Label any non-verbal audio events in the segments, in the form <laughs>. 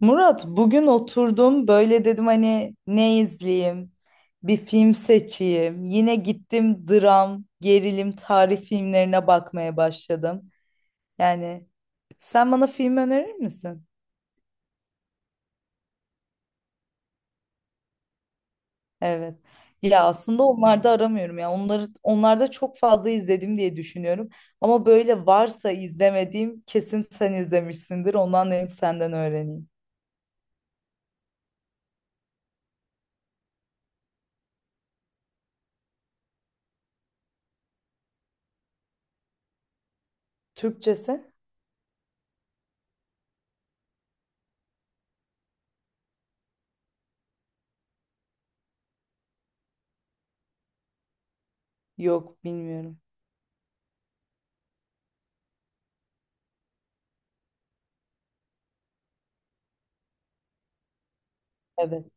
Murat bugün oturdum böyle dedim hani ne izleyeyim bir film seçeyim yine gittim dram gerilim tarih filmlerine bakmaya başladım yani sen bana film önerir misin? Evet ya aslında onlarda aramıyorum ya onları onlarda çok fazla izledim diye düşünüyorum ama böyle varsa izlemediğim kesin sen izlemişsindir ondan hem senden öğreneyim. Türkçesi? Yok, bilmiyorum. Evet.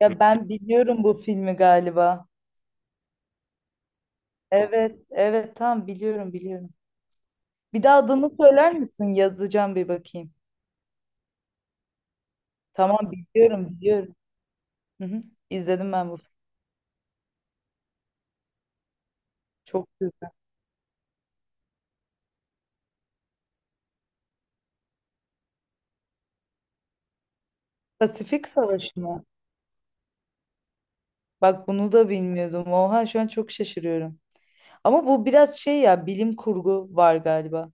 Ya ben biliyorum bu filmi galiba. Evet, evet, tamam biliyorum biliyorum. Bir daha adını söyler misin? Yazacağım, bir bakayım. Tamam biliyorum biliyorum. Hı hı. İzledim ben bu filmi. Çok güzel. Pasifik Savaşı mı? Bak bunu da bilmiyordum. Oha şu an çok şaşırıyorum. Ama bu biraz şey ya, bilim kurgu var galiba.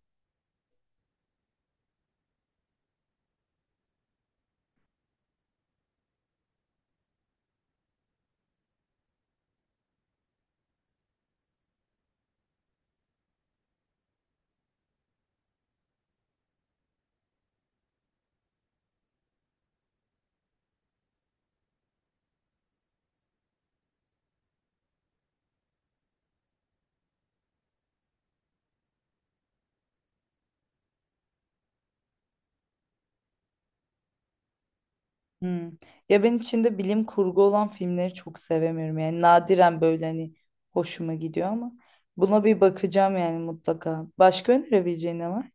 Hmm. Ya ben içinde bilim kurgu olan filmleri çok sevemiyorum. Yani nadiren böyle hani hoşuma gidiyor ama buna bir bakacağım yani, mutlaka. Başka önerebileceğin ne var?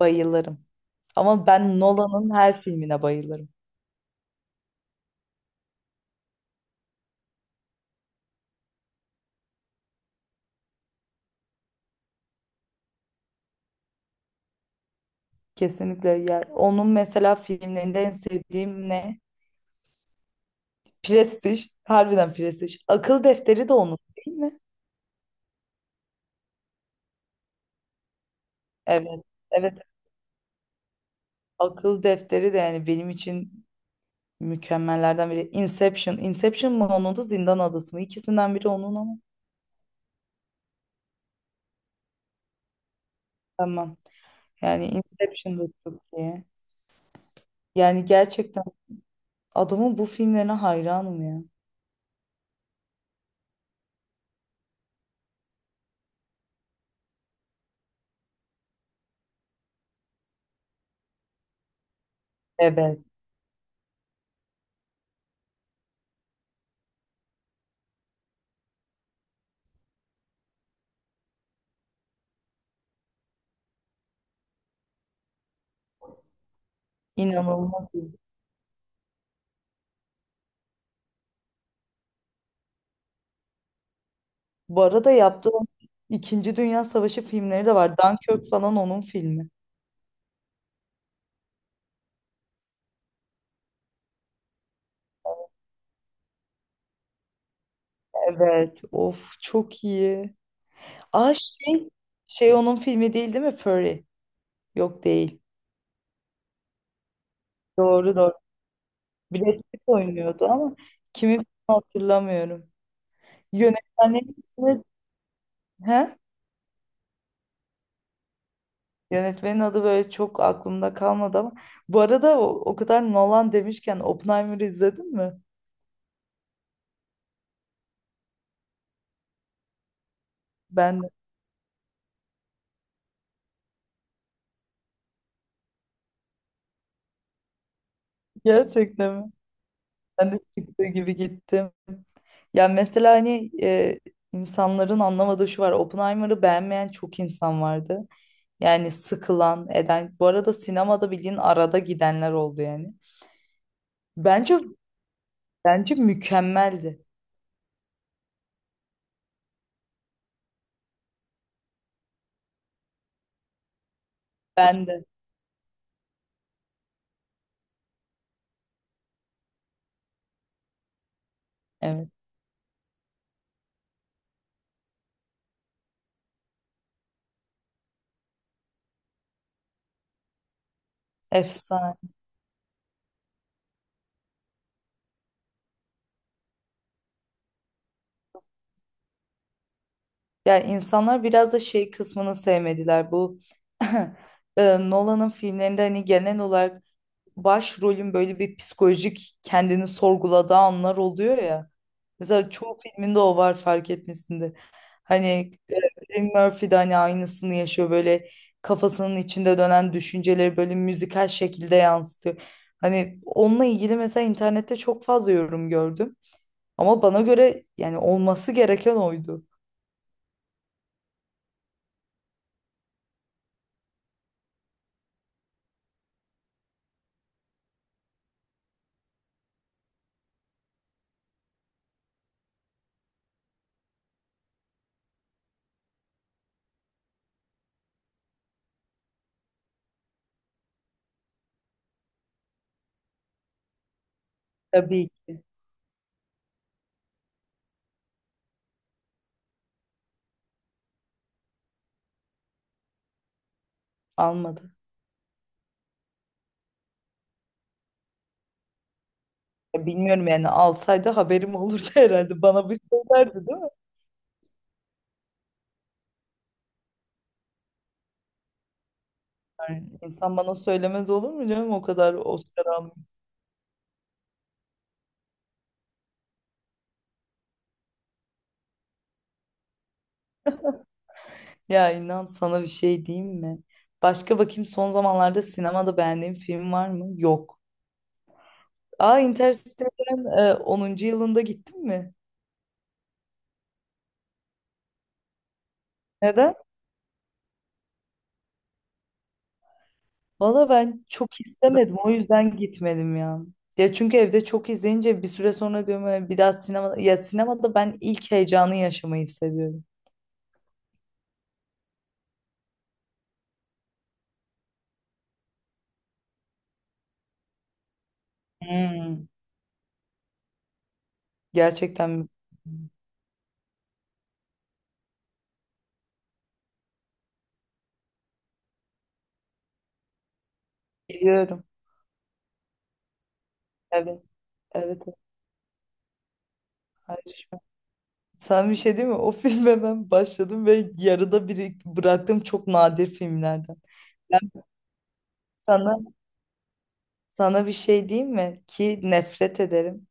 Bayılırım. Ama ben Nolan'ın her filmine bayılırım. Kesinlikle. Ya onun mesela filmlerinde en sevdiğim ne? Prestij. Harbiden Prestij. Akıl Defteri de onun değil mi? Evet. Evet. Akıl Defteri de yani benim için mükemmellerden biri. Inception. Inception mı onun, da Zindan Adası mı? İkisinden biri onun ama. Tamam. Yani Inception da çok iyi. Yani gerçekten adamın bu filmlerine hayranım ya. Evet. İnanılmaz. İyi. Bu arada yaptığım İkinci Dünya Savaşı filmleri de var. Dunkirk falan onun filmi. Evet. Of, çok iyi. Aa şey, şey onun filmi değil, değil mi? Fury. Yok, değil. Doğru doğru. Brad Pitt oynuyordu ama kimin filmi hatırlamıyorum. Yönetmenin ismi, he? Yönetmenin adı böyle çok aklımda kalmadı ama bu arada o kadar Nolan demişken Oppenheimer'ı izledin mi? Ben de. Gerçekten mi? Ben de çıktığı gibi gittim. Ya mesela hani insanların anlamadığı şu var. Oppenheimer'ı beğenmeyen çok insan vardı. Yani sıkılan, eden. Bu arada sinemada bildiğin arada gidenler oldu yani. Bence bence mükemmeldi. Ben de. Evet. Efsane. Ya insanlar biraz da şey kısmını sevmediler. Bu <laughs> Nolan'ın filmlerinde hani genel olarak başrolün böyle bir psikolojik kendini sorguladığı anlar oluyor ya. Mesela çoğu filminde o var, fark etmesinde. Hani Eddie Murphy de hani aynısını yaşıyor, böyle kafasının içinde dönen düşünceleri böyle müzikal şekilde yansıtıyor. Hani onunla ilgili mesela internette çok fazla yorum gördüm. Ama bana göre yani olması gereken oydu. Tabii ki almadı. Ya bilmiyorum yani, alsaydı haberim olurdu <laughs> herhalde. Bana bir söylerdi değil mi? Yani insan bana söylemez olur mu canım, o kadar Oscar. Ya inan, sana bir şey diyeyim mi? Başka bakayım, son zamanlarda sinemada beğendiğim film var mı? Yok. Aa, Interstellar'ın 10. yılında gittin mi? Neden? Valla ben çok istemedim, o yüzden gitmedim ya. Ya çünkü evde çok izleyince bir süre sonra diyorum, bir daha sinemada, ya sinemada ben ilk heyecanı yaşamayı seviyorum." Hmm. Gerçekten mi? Biliyorum. Evet. Evet. Evet. Sen, bir şey değil mi? O filme ben başladım ve yarıda biri bıraktığım çok nadir filmlerden. Ben sana sana bir şey diyeyim mi? Ki nefret ederim.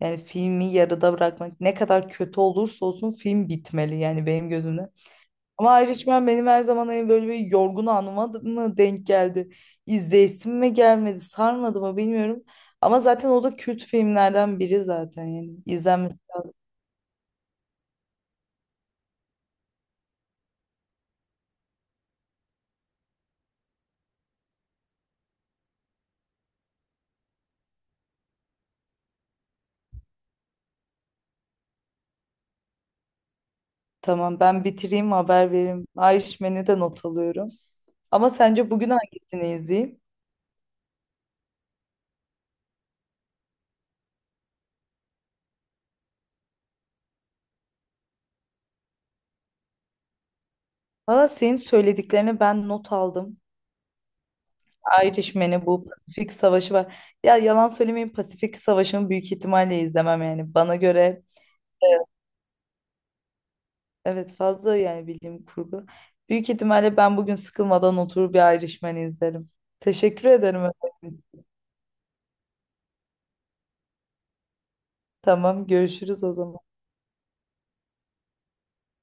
Yani filmi yarıda bırakmak ne kadar kötü olursa olsun film bitmeli yani benim gözümde. Ama Irishman benim her zaman en böyle bir yorgun anıma mı denk geldi? İzleyesim mi gelmedi? Sarmadı mı, bilmiyorum. Ama zaten o da kült filmlerden biri zaten yani. İzlenmesi. Tamam, ben bitireyim, haber vereyim. Irishman'i de not alıyorum. Ama sence bugün hangisini izleyeyim? Valla senin söylediklerini ben not aldım. Irishman'i, bu Pasifik Savaşı var. Ya yalan söylemeyeyim, Pasifik Savaşı'nı büyük ihtimalle izlemem yani. Bana göre evet, fazla yani bildiğim kurgu. Büyük ihtimalle ben bugün sıkılmadan oturup bir Irishman'i izlerim. Teşekkür ederim efendim. Tamam, görüşürüz o zaman.